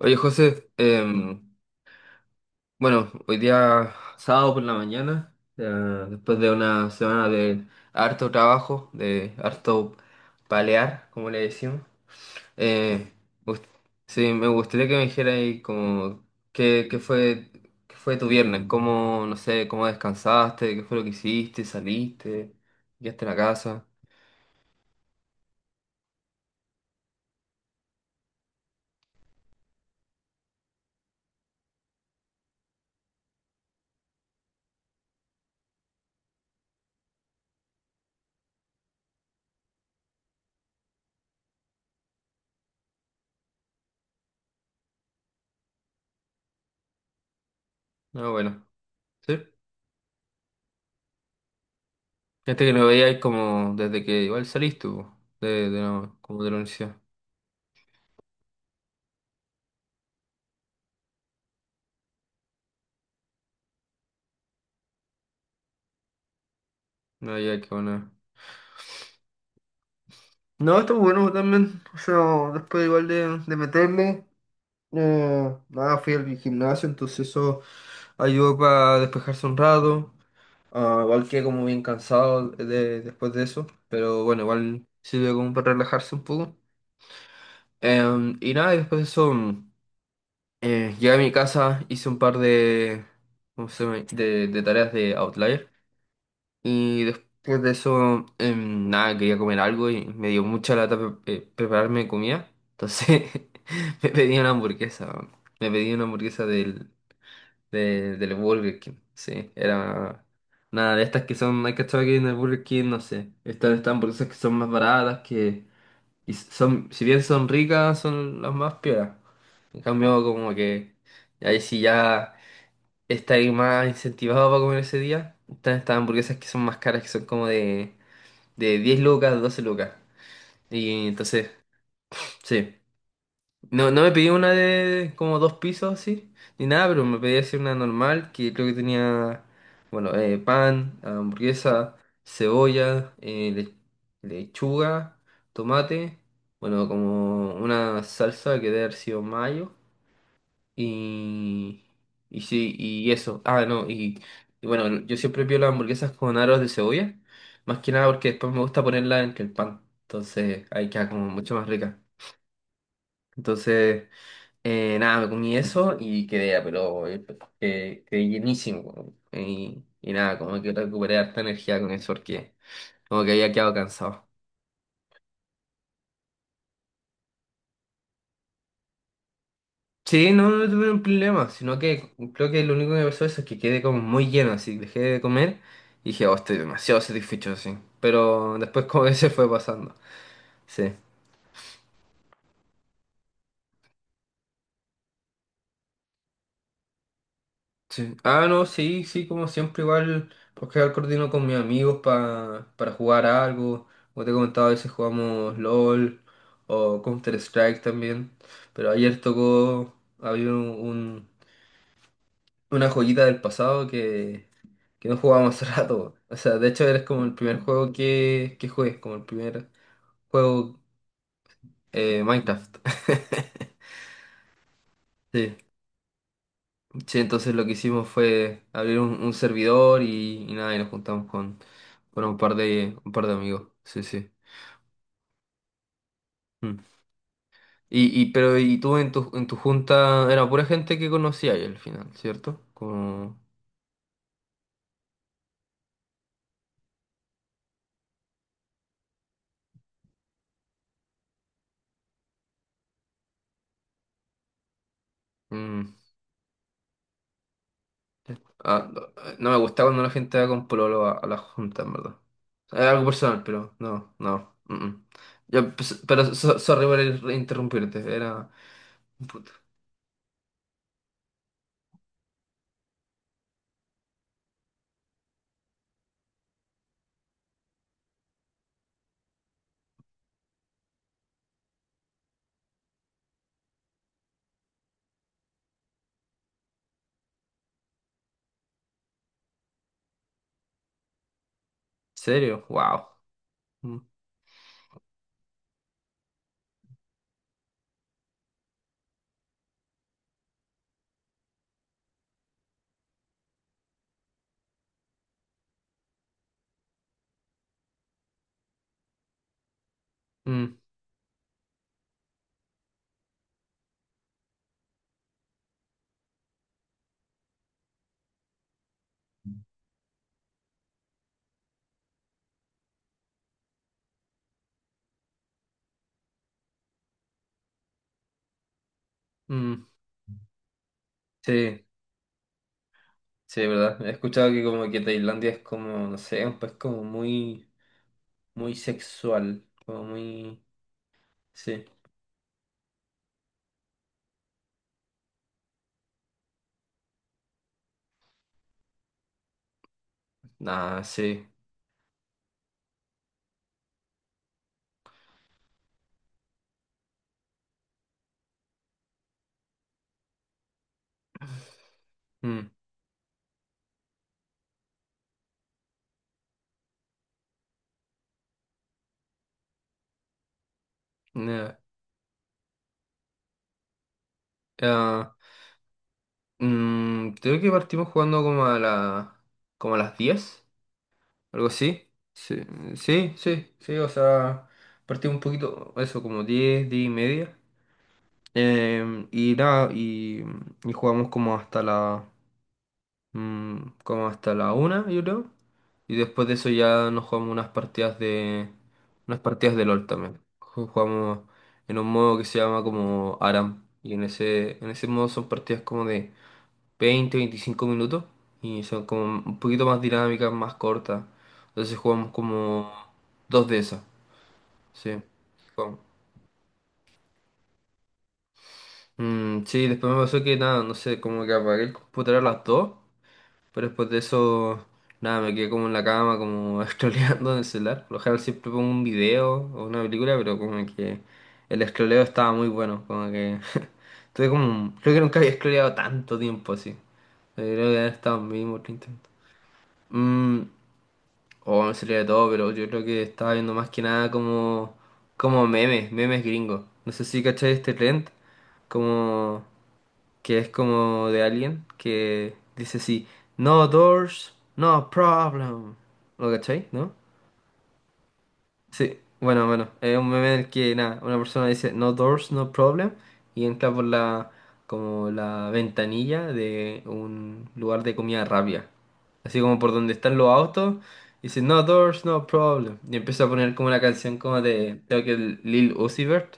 Oye, José, bueno, hoy día sábado por la mañana, después de una semana de harto trabajo, de harto palear, como le decimos, eh, gust- sí, me gustaría que me dijeras ahí como qué, qué fue, qué fue tu viernes, cómo, no sé, cómo descansaste, qué fue lo que hiciste, saliste, llegaste a la casa. No, bueno, sí. Gente que no veíais como desde que igual saliste, po, como de la universidad. No, ya, qué bueno. No, estuvo bueno también. O sea, después igual de meterme, nada, fui al gimnasio, entonces eso ayudó para despejarse un rato. Ah, igual quedé como bien cansado después de eso, pero bueno, igual sirve como para relajarse un poco. Y nada, y después de eso, llegué a mi casa, hice un par de, ¿cómo se llama?, de tareas de Outlier. Y después de eso, nada, quería comer algo y me dio mucha lata prepararme comida. Entonces me pedí una hamburguesa, weón. Me pedí una hamburguesa del Burger King. Sí, era nada de estas que son, hay cachado que en el Burger King, no sé. Estas hamburguesas que son más baratas, que y son, si bien son ricas, son las más pioras. En cambio, como que ahí sí ya estáis más incentivado para comer ese día. Están estas hamburguesas que son más caras, que son como de 10 lucas, 12 lucas. Y entonces, sí. No, no me pedí una de como dos pisos así, ni nada, pero me pedí así una normal que creo que tenía, bueno, pan, hamburguesa, cebolla, lechuga, tomate, bueno, como una salsa que debe haber sido mayo. Y, y sí, y eso. Ah, no, y bueno, yo siempre pido las hamburguesas con aros de cebolla, más que nada porque después me gusta ponerla entre el pan, entonces ahí queda como mucho más rica. Entonces, nada, me comí eso y quedé, pero quedé llenísimo, weón. Y nada, como que recuperé harta energía con eso porque como que había quedado cansado. Sí, no, no tuve un problema, sino que creo que lo único que me pasó eso es que quedé como muy lleno, así dejé de comer y dije, oh, estoy demasiado satisfecho, así. Pero después como que se fue pasando. Sí, sí. Ah, no, sí, sí, como siempre igual, porque al coordino con mis amigos para jugar algo. Como te he comentado, a veces jugamos LOL o Counter-Strike también. Pero ayer tocó, había una joyita del pasado que no jugábamos hace rato. O sea, de hecho eres como el primer juego que jugué, como el primer juego, Minecraft. Sí. Sí, entonces lo que hicimos fue abrir un servidor y nada, y nos juntamos con un par de amigos. Sí, sí. Mm. Pero y tú en tu junta era pura gente que conocía ahí al final, ¿cierto? Como, mm. Ah, no, no me gusta cuando la gente va con pololo a las juntas, en verdad. Es algo personal, pero no, no. Mm, mm. Ya, pues, pero sorry por interrumpirte, era. Puta. ¿En serio? Wow. Mm, mm, mm. Sí, sí, verdad. He escuchado que como que Tailandia es como, no sé, un país como muy, muy sexual, como muy. Sí. Ah, sí. Mm, nah. Ah, creo que partimos jugando como como a las diez. Algo así. Sí, sí, sí, sí, o sea, partí un poquito, eso, como 10 10 y media. Y nada, y jugamos mm, como hasta la una, yo creo. Y después de eso ya nos jugamos unas partidas de LOL también. Jugamos en un modo que se llama como ARAM. Y en ese modo son partidas como de 20, 25 minutos y son como un poquito más dinámicas, más cortas. Entonces jugamos como dos de esas, sí. Jugamos. Mm, sí, después me pasó que nada, no sé, como que apagué el computador a las 2, pero después de eso, nada, me quedé como en la cama, como scrolleando en el celular. Por lo general siempre pongo un video o una película, pero como que el scrolleo estaba muy bueno, como que tuve como, creo que nunca había scrolleado tanto tiempo así. Yo creo que han estado mínimo 30 minutos. O me salía de todo, pero yo creo que estaba viendo más que nada como memes, memes gringos. No sé si cachai este trend, como que es como de alguien que dice así, no doors, no problem. ¿Lo cachai? ¿No? Sí, bueno, bueno, es un meme en el que nada, una persona dice no doors, no problem y entra por la como la ventanilla de un lugar de comida rápida. Así como por donde están los autos, dice no doors, no problem y empieza a poner como una canción como de creo que Lil Uzi Vert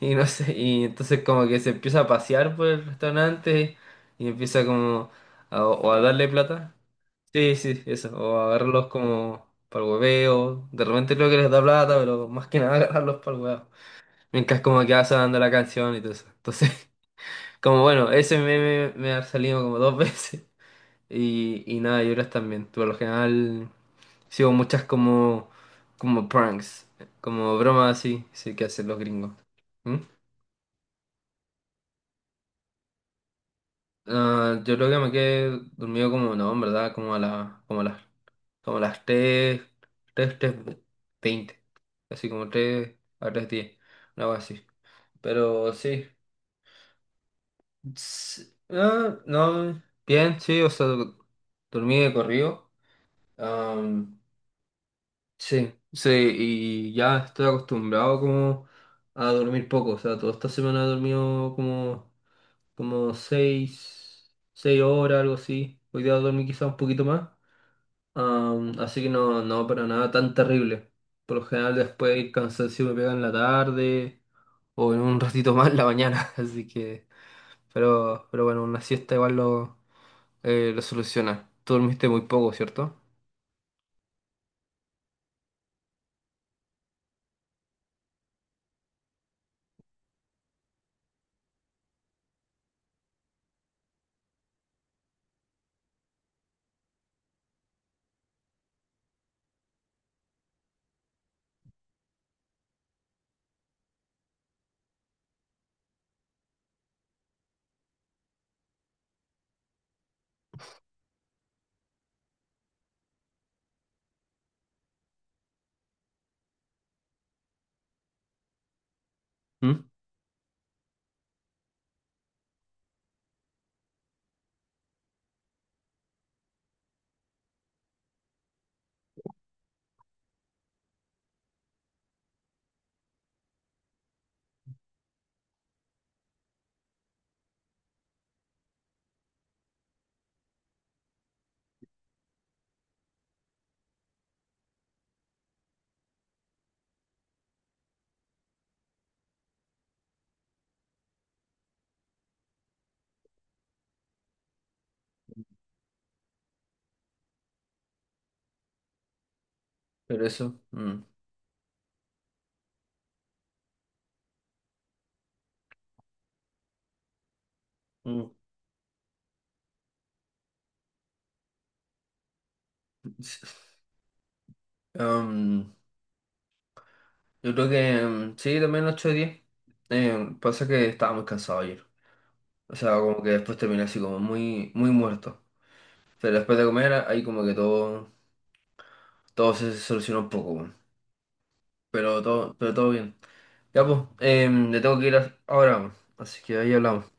y no sé, y entonces como que se empieza a pasear por el restaurante y empieza como o a darle plata. Sí, sí, eso. O agarrarlos como para el hueveo. De repente creo que les da plata, pero más que nada agarrarlos para el hueveo. Mientras como que va sonando la canción y todo eso. Entonces, como bueno, ese meme me ha salido como dos veces. Y nada, y otras también. Por lo general sigo muchas como pranks. Como bromas así, sí, que hacen los gringos. ¿Mm? Ah, yo creo que me quedé dormido como, no, en verdad, como a las tres, tres 3:20. Así como 3 a 3:10. Algo así. Pero sí. Ah, no, bien, sí, o sea, dormí de corrido. Am, sí, sí, y ya estoy acostumbrado como a dormir poco. O sea, toda esta semana he dormido como seis horas, algo así. Hoy día dormí quizá un poquito más. Así que no, no, para nada tan terrible. Por lo general después el cansancio me pega en la tarde o en un ratito más en la mañana. Así que, pero bueno, una siesta igual lo soluciona. Tú dormiste muy poco, ¿cierto? ¿Mm? Pero eso. Mm, mm. Am, Yo creo que sí, también 8 de diez. Pasa que estaba muy cansado ayer. O sea, como que después terminé así como muy, muy muerto. Pero después de comer, ahí como que todo se solucionó un poco, weón. Pero todo bien. Ya pues, le tengo que ir ahora, weón. Así que ahí hablamos.